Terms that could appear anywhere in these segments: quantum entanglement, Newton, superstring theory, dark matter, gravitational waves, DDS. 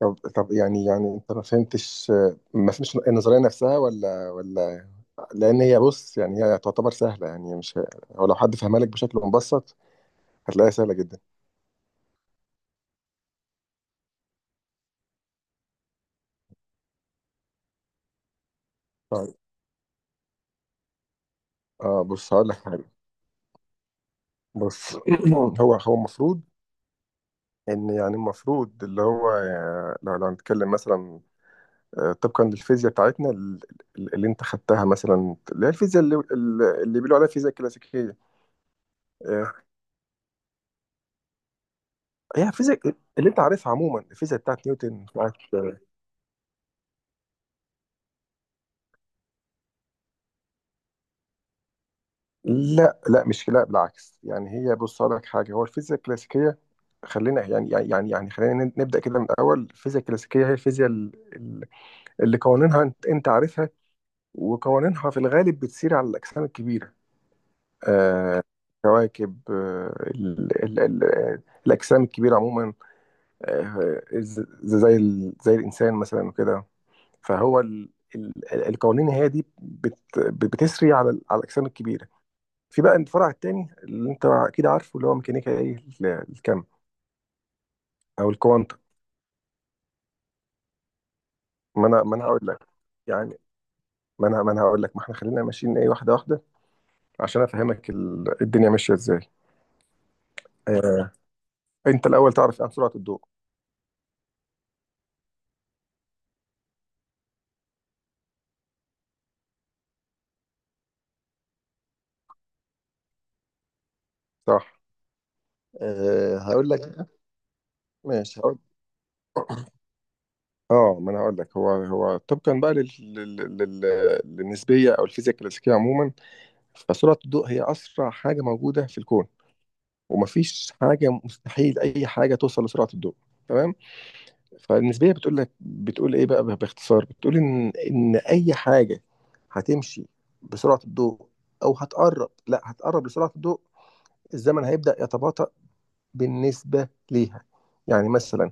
طب، يعني انت ما فهمتش؟ ما فهمتش النظريه نفسها ولا؟ لان هي بص، يعني هي تعتبر سهله، يعني مش، هو لو حد فهمها لك بشكل مبسط هتلاقيها سهله جدا. طيب، اه بص هقول لك حاجه. بص هو المفروض ان، يعني المفروض اللي هو لو هنتكلم مثلا، طبقا للفيزياء بتاعتنا اللي انت خدتها مثلا، اللي هي الفيزياء اللي بيقولوا عليها فيزياء كلاسيكيه. آه، هي فيزياء اللي انت عارفها عموما، الفيزياء بتاعت نيوتن بتاعت. لا مش، لا بالعكس، يعني هي بص أقول لك حاجه، هو الفيزياء الكلاسيكيه، خلينا، يعني خلينا نبدا كده من الاول. الفيزياء الكلاسيكيه هي الفيزياء اللي قوانينها انت عارفها، وقوانينها في الغالب بتسير على الاجسام الكبيره. آه، كواكب، آه، ال ال ال الاجسام الكبيره عموما. آه، زي زي الانسان مثلا وكده. فهو القوانين هي دي بتسري على على الاجسام الكبيره. في بقى الفرع التاني اللي انت اكيد عارفه، اللي هو ميكانيكا ايه، الكم او الكوانتم. ما انا هقول لك، يعني ما انا هقول لك، ما احنا خلينا ماشيين ايه، واحده واحده، عشان افهمك الدنيا ماشيه ازاي. آه. انت الاول تعرف عن سرعه الضوء؟ صح. آه. هقول لك. ماشي، هقول. اه ما انا هقول لك، هو طبقا بقى للنسبيه او الفيزياء الكلاسيكيه عموما، فسرعه الضوء هي اسرع حاجه موجوده في الكون، ومفيش حاجه، مستحيل اي حاجه توصل لسرعه الضوء. تمام؟ فالنسبيه بتقول لك، بتقول ايه بقى باختصار، بتقول ان اي حاجه هتمشي بسرعه الضوء او هتقرب، لا هتقرب لسرعه الضوء، الزمن هيبدا يتباطأ بالنسبه ليها. يعني مثلا،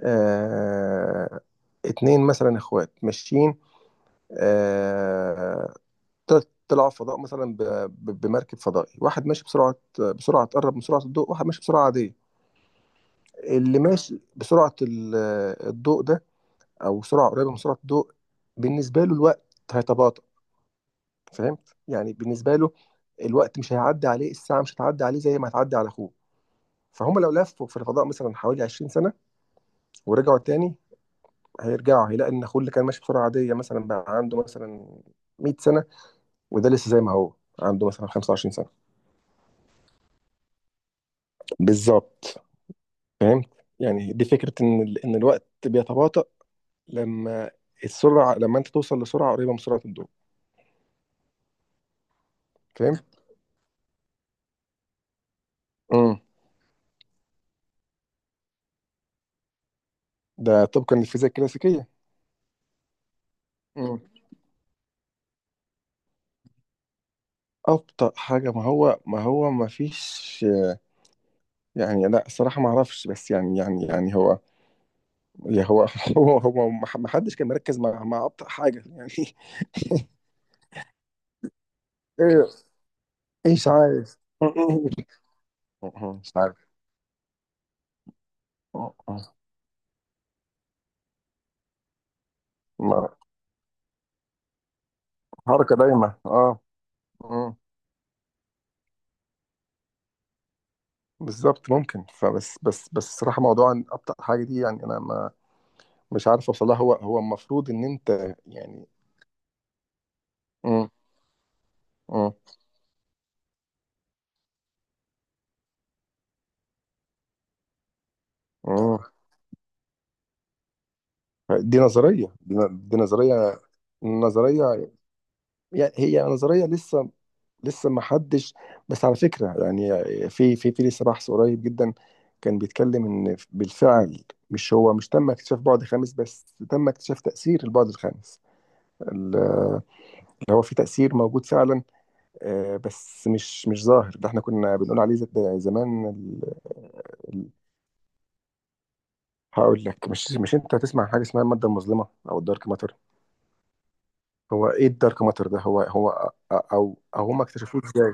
آه، اتنين مثلا اخوات ماشيين، آه، طلعوا فضاء مثلا بمركب فضائي، واحد ماشي بسرعه، بسرعه تقرب من سرعه الضوء، واحد ماشي بسرعه عاديه. اللي ماشي بسرعه الضوء ده، او سرعه قريبه من سرعه الضوء، بالنسبه له الوقت هيتباطأ. فاهم؟ يعني بالنسبه له الوقت مش هيعدي عليه، الساعه مش هتعدي عليه زي ما هتعدي على اخوه. فهم لو لفوا في الفضاء مثلا حوالي 20 سنه ورجعوا تاني، هيرجعوا هيلاقي ان اخوه اللي كان ماشي بسرعه عاديه مثلا بقى عنده مثلا 100 سنه، وده لسه زي ما هو عنده مثلا 25 سنه. بالظبط. فاهم؟ يعني دي فكره ان ان الوقت بيتباطأ لما السرعه، لما انت توصل لسرعه قريبه من سرعه الضوء. فاهم؟ امم ده طبقا للفيزياء الكلاسيكيه. مم. أبطأ حاجة، ما هو ما فيش، يعني لا صراحة ما أعرفش، بس يعني هو، يا هو هو ما حدش كان مركز مع أبطأ حاجة يعني. إيه؟ إيش عايز؟ مش عارف. آه، آه. ما- حركة دايمة، أه. مم. بالظبط، ممكن، فبس بس بس الصراحة موضوع إن أبطأ حاجة دي، يعني أنا ما، مش عارف أوصلها. هو هو المفروض إن أنت، يعني. مم. مم. دي نظرية، دي نظرية، نظرية. يعني هي نظرية لسه، لسه ما حدش. بس على فكرة يعني، في لسه بحث قريب جدا كان بيتكلم ان بالفعل، مش هو مش تم اكتشاف بعد خامس، بس تم اكتشاف تأثير البعد الخامس، ال- اللي هو في تأثير موجود فعلا. آه، بس مش ظاهر. ده احنا كنا بنقول عليه زمان ال- هقول لك. مش، مش انت هتسمع عن حاجة اسمها المادة المظلمة او الدارك ماتر. هو ايه الدارك ماتر ده؟ هو هو او او هم اكتشفوه ازاي؟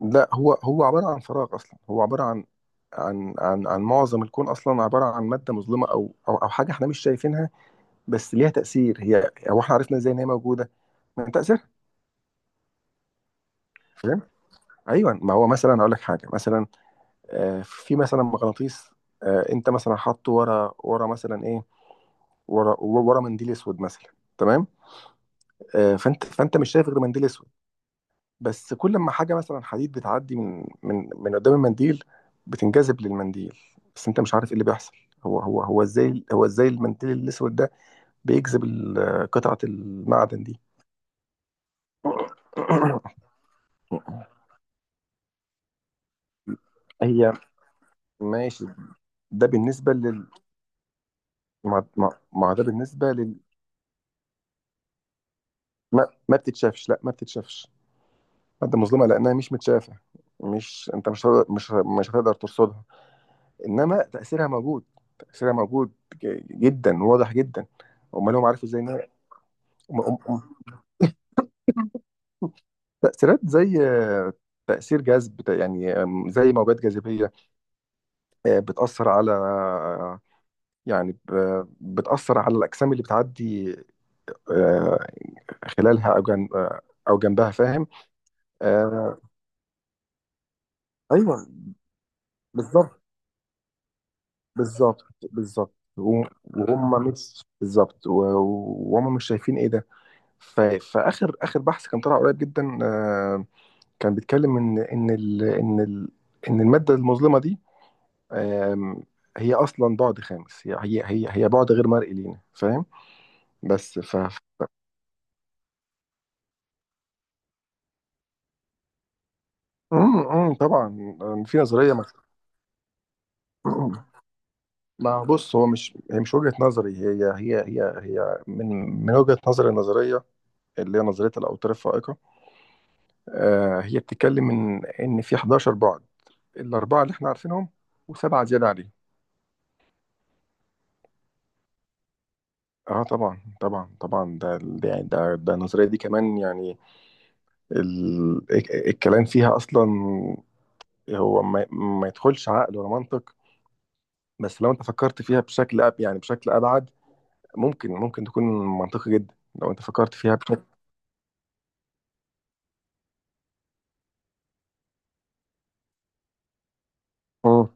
لا، هو هو عباره عن فراغ اصلا. هو عباره عن، عن معظم الكون اصلا عباره عن ماده مظلمه، او حاجه احنا مش شايفينها، بس ليها تاثير. هي، هو احنا عرفنا ازاي ان هي موجوده؟ من تاثيرها. فاهم؟ ايوه، ما هو مثلا اقول لك حاجه مثلا، آه، في مثلا مغناطيس، آه، انت مثلا حاطه ورا مثلا ايه، ورا منديل اسود مثلا. تمام؟ آه، فانت مش شايف غير منديل اسود، بس كل ما حاجة مثلا حديد بتعدي من من قدام المنديل، بتنجذب للمنديل، بس انت مش عارف ايه اللي بيحصل. هو ازاي، هو ازاي المنديل الاسود ده بيجذب قطعة المعدن دي؟ هي، ماشي، ده بالنسبة لل، مع مع مع ده بالنسبة لل. ما بتتشافش، لا ما بتتشافش. مادة مظلمة لأنها مش متشافة، مش، انت مش مش هتقدر ترصدها، انما تأثيرها موجود، تأثيرها موجود، جدا، واضح جدا. امال هم عارفوا ازاي؟ م- م- تأثيرات زي، آه، تأثير جذب يعني، آم، زي موجات جاذبية، آه، بتأثر على، يعني بتأثر على الأجسام اللي بتعدي، آه، خلالها أو آه، أو جنبها. فاهم؟ آه، أيوه. بالظبط بالظبط بالظبط، وهم مش شايفين إيه ده. فآخر، آخر بحث كان طلع قريب جدا، آه، كان بيتكلم إن إن المادة المظلمة دي، آم، هي اصلا بعد خامس. هي بعد غير مرئي لينا. فاهم؟ بس طبعا. آم، في نظريه ما بص، هو مش، هي مش وجهه نظري، هي هي هي هي من، من وجهه نظري النظريه اللي هي نظريه الاوتار الفائقه، آه، هي بتتكلم ان في 11 بعد: الاربعه اللي احنا عارفينهم وسبعه زياده عليهم. اه طبعا، ده النظريه دي كمان يعني، ال... الكلام فيها اصلا هو ما يدخلش عقل ولا منطق، بس لو انت فكرت فيها بشكل يعني بشكل ابعد، ممكن تكون منطقي جدا لو انت فكرت فيها بشكل. مم.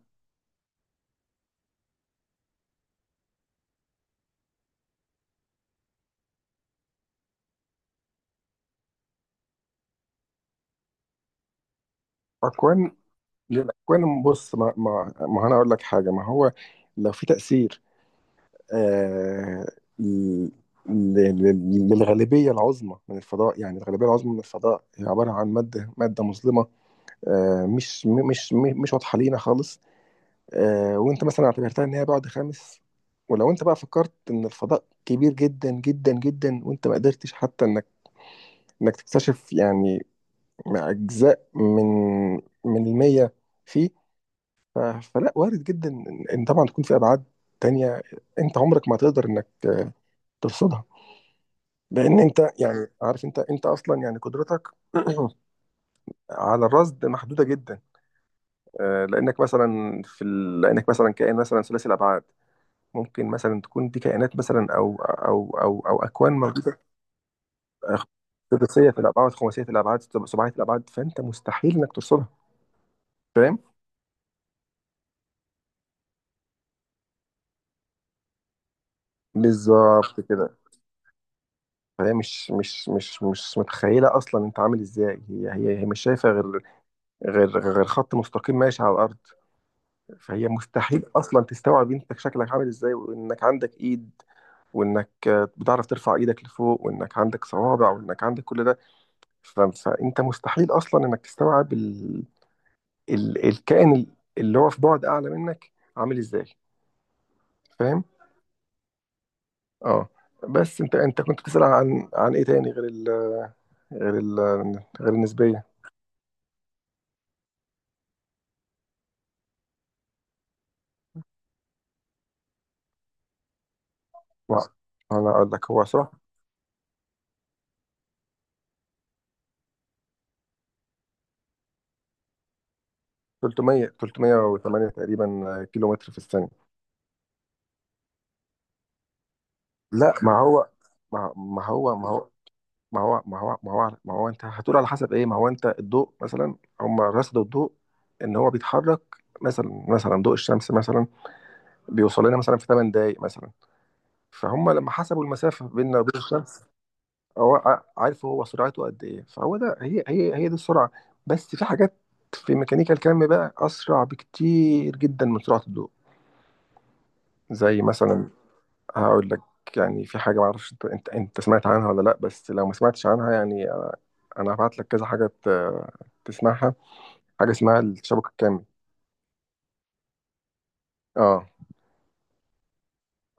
اكوان، الاكوان بص، ما انا اقول لك حاجه، ما هو لو في تاثير، آه، ل- للغالبيه العظمى من الفضاء، يعني الغالبيه العظمى من الفضاء هي عباره عن ماده، ماده مظلمه، آه، مش، مش واضحه لينا خالص، آه، وانت مثلا اعتبرتها ان هي بعد خامس. ولو انت بقى فكرت ان الفضاء كبير جدا، وانت ما قدرتش حتى انك، انك تكتشف يعني مع اجزاء من المية فيه، فلا، وارد جدا ان إن طبعا تكون في ابعاد تانية. انت عمرك ما تقدر انك، آه، ترصدها، لان انت يعني عارف، انت اصلا يعني قدرتك على الرصد محدودة جدا. آه، لانك مثلا في لانك مثلا كائن مثلا ثلاثي الابعاد. ممكن مثلا تكون دي كائنات مثلا او اكوان موجوده سداسيه في الابعاد، خماسيه في الابعاد، سبعيه في الابعاد، فانت مستحيل انك ترصدها. فاهم؟ بالظبط كده. فهي مش متخيله اصلا انت عامل ازاي. هي مش شايفه غير، غير خط مستقيم ماشي على الارض. فهي مستحيل اصلا تستوعب انت شكلك عامل ازاي، وانك عندك ايد، وانك بتعرف ترفع ايدك لفوق، وانك عندك صوابع، وانك عندك كل ده. فانت مستحيل اصلا انك تستوعب الكائن اللي هو في بعد اعلى منك عامل ازاي. فاهم؟ اه. بس انت كنت بتسأل عن ايه تاني غير ال غير ال غير النسبية؟ و- انا اقول لك هو صراحة 300، 308 تقريبا كيلو متر في الثانية. لا ما هو، ما ما هو ما هو ما هو ما هو ما هو, ما هو انت هتقول على حسب ايه؟ ما هو انت الضوء مثلا، هم رصدوا الضوء ان هو بيتحرك مثلا، مثلا ضوء الشمس مثلا بيوصل لنا مثلا في 8 دقايق مثلا، فهم لما حسبوا المسافة بيننا وبين الشمس، هو ع- عارف هو سرعته قد إيه. فهو ده، هي هي هي دي السرعة. بس في حاجات في ميكانيكا الكم بقى أسرع بكتير جدا من سرعة الضوء. زي مثلا، هقول لك، يعني في حاجة معرفش أنت أنت أنت سمعت عنها ولا لأ، بس لو ما سمعتش عنها يعني أنا هبعت لك كذا حاجة تسمعها. حاجة اسمها التشابك الكمي. اه.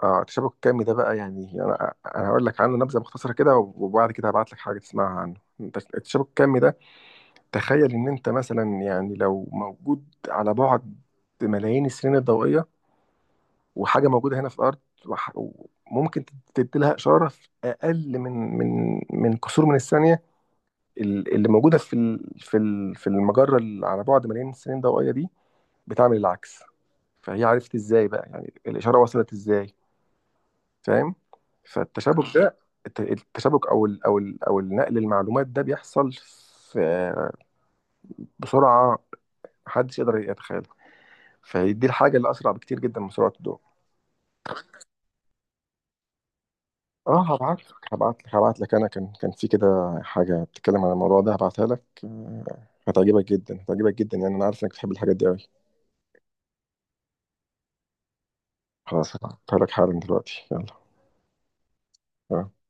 اه، التشابك الكمي ده بقى يعني، أنا هقول لك عنه نبذة مختصرة كده، وبعد كده هبعت لك حاجة تسمعها عنه. التشابك الكمي ده، تخيل ان انت مثلا يعني لو موجود على بعد ملايين السنين الضوئية، وحاجة موجودة هنا في الأرض، وح- وممكن تدي لها إشارة في أقل من كسور من الثانية، اللي موجودة في في المجرة اللي على بعد ملايين السنين الضوئية دي، بتعمل العكس. فهي عرفت ازاي بقى يعني الإشارة وصلت ازاي؟ فاهم؟ فالتشابك ده، التشابك او النقل المعلومات ده بيحصل في، بسرعة محدش يقدر يتخيل. فدي الحاجة اللي أسرع بكتير جدا من سرعة الضوء. اه هبعت لك، انا كان، كان في كده حاجه بتتكلم عن الموضوع ده هبعتها لك، آه، هتعجبك جدا، هتعجبك جدا يعني، انا عارف انك بتحب الحاجات دي قوي. خلاص هبعتها لك حالا دلوقتي، يلا. آه.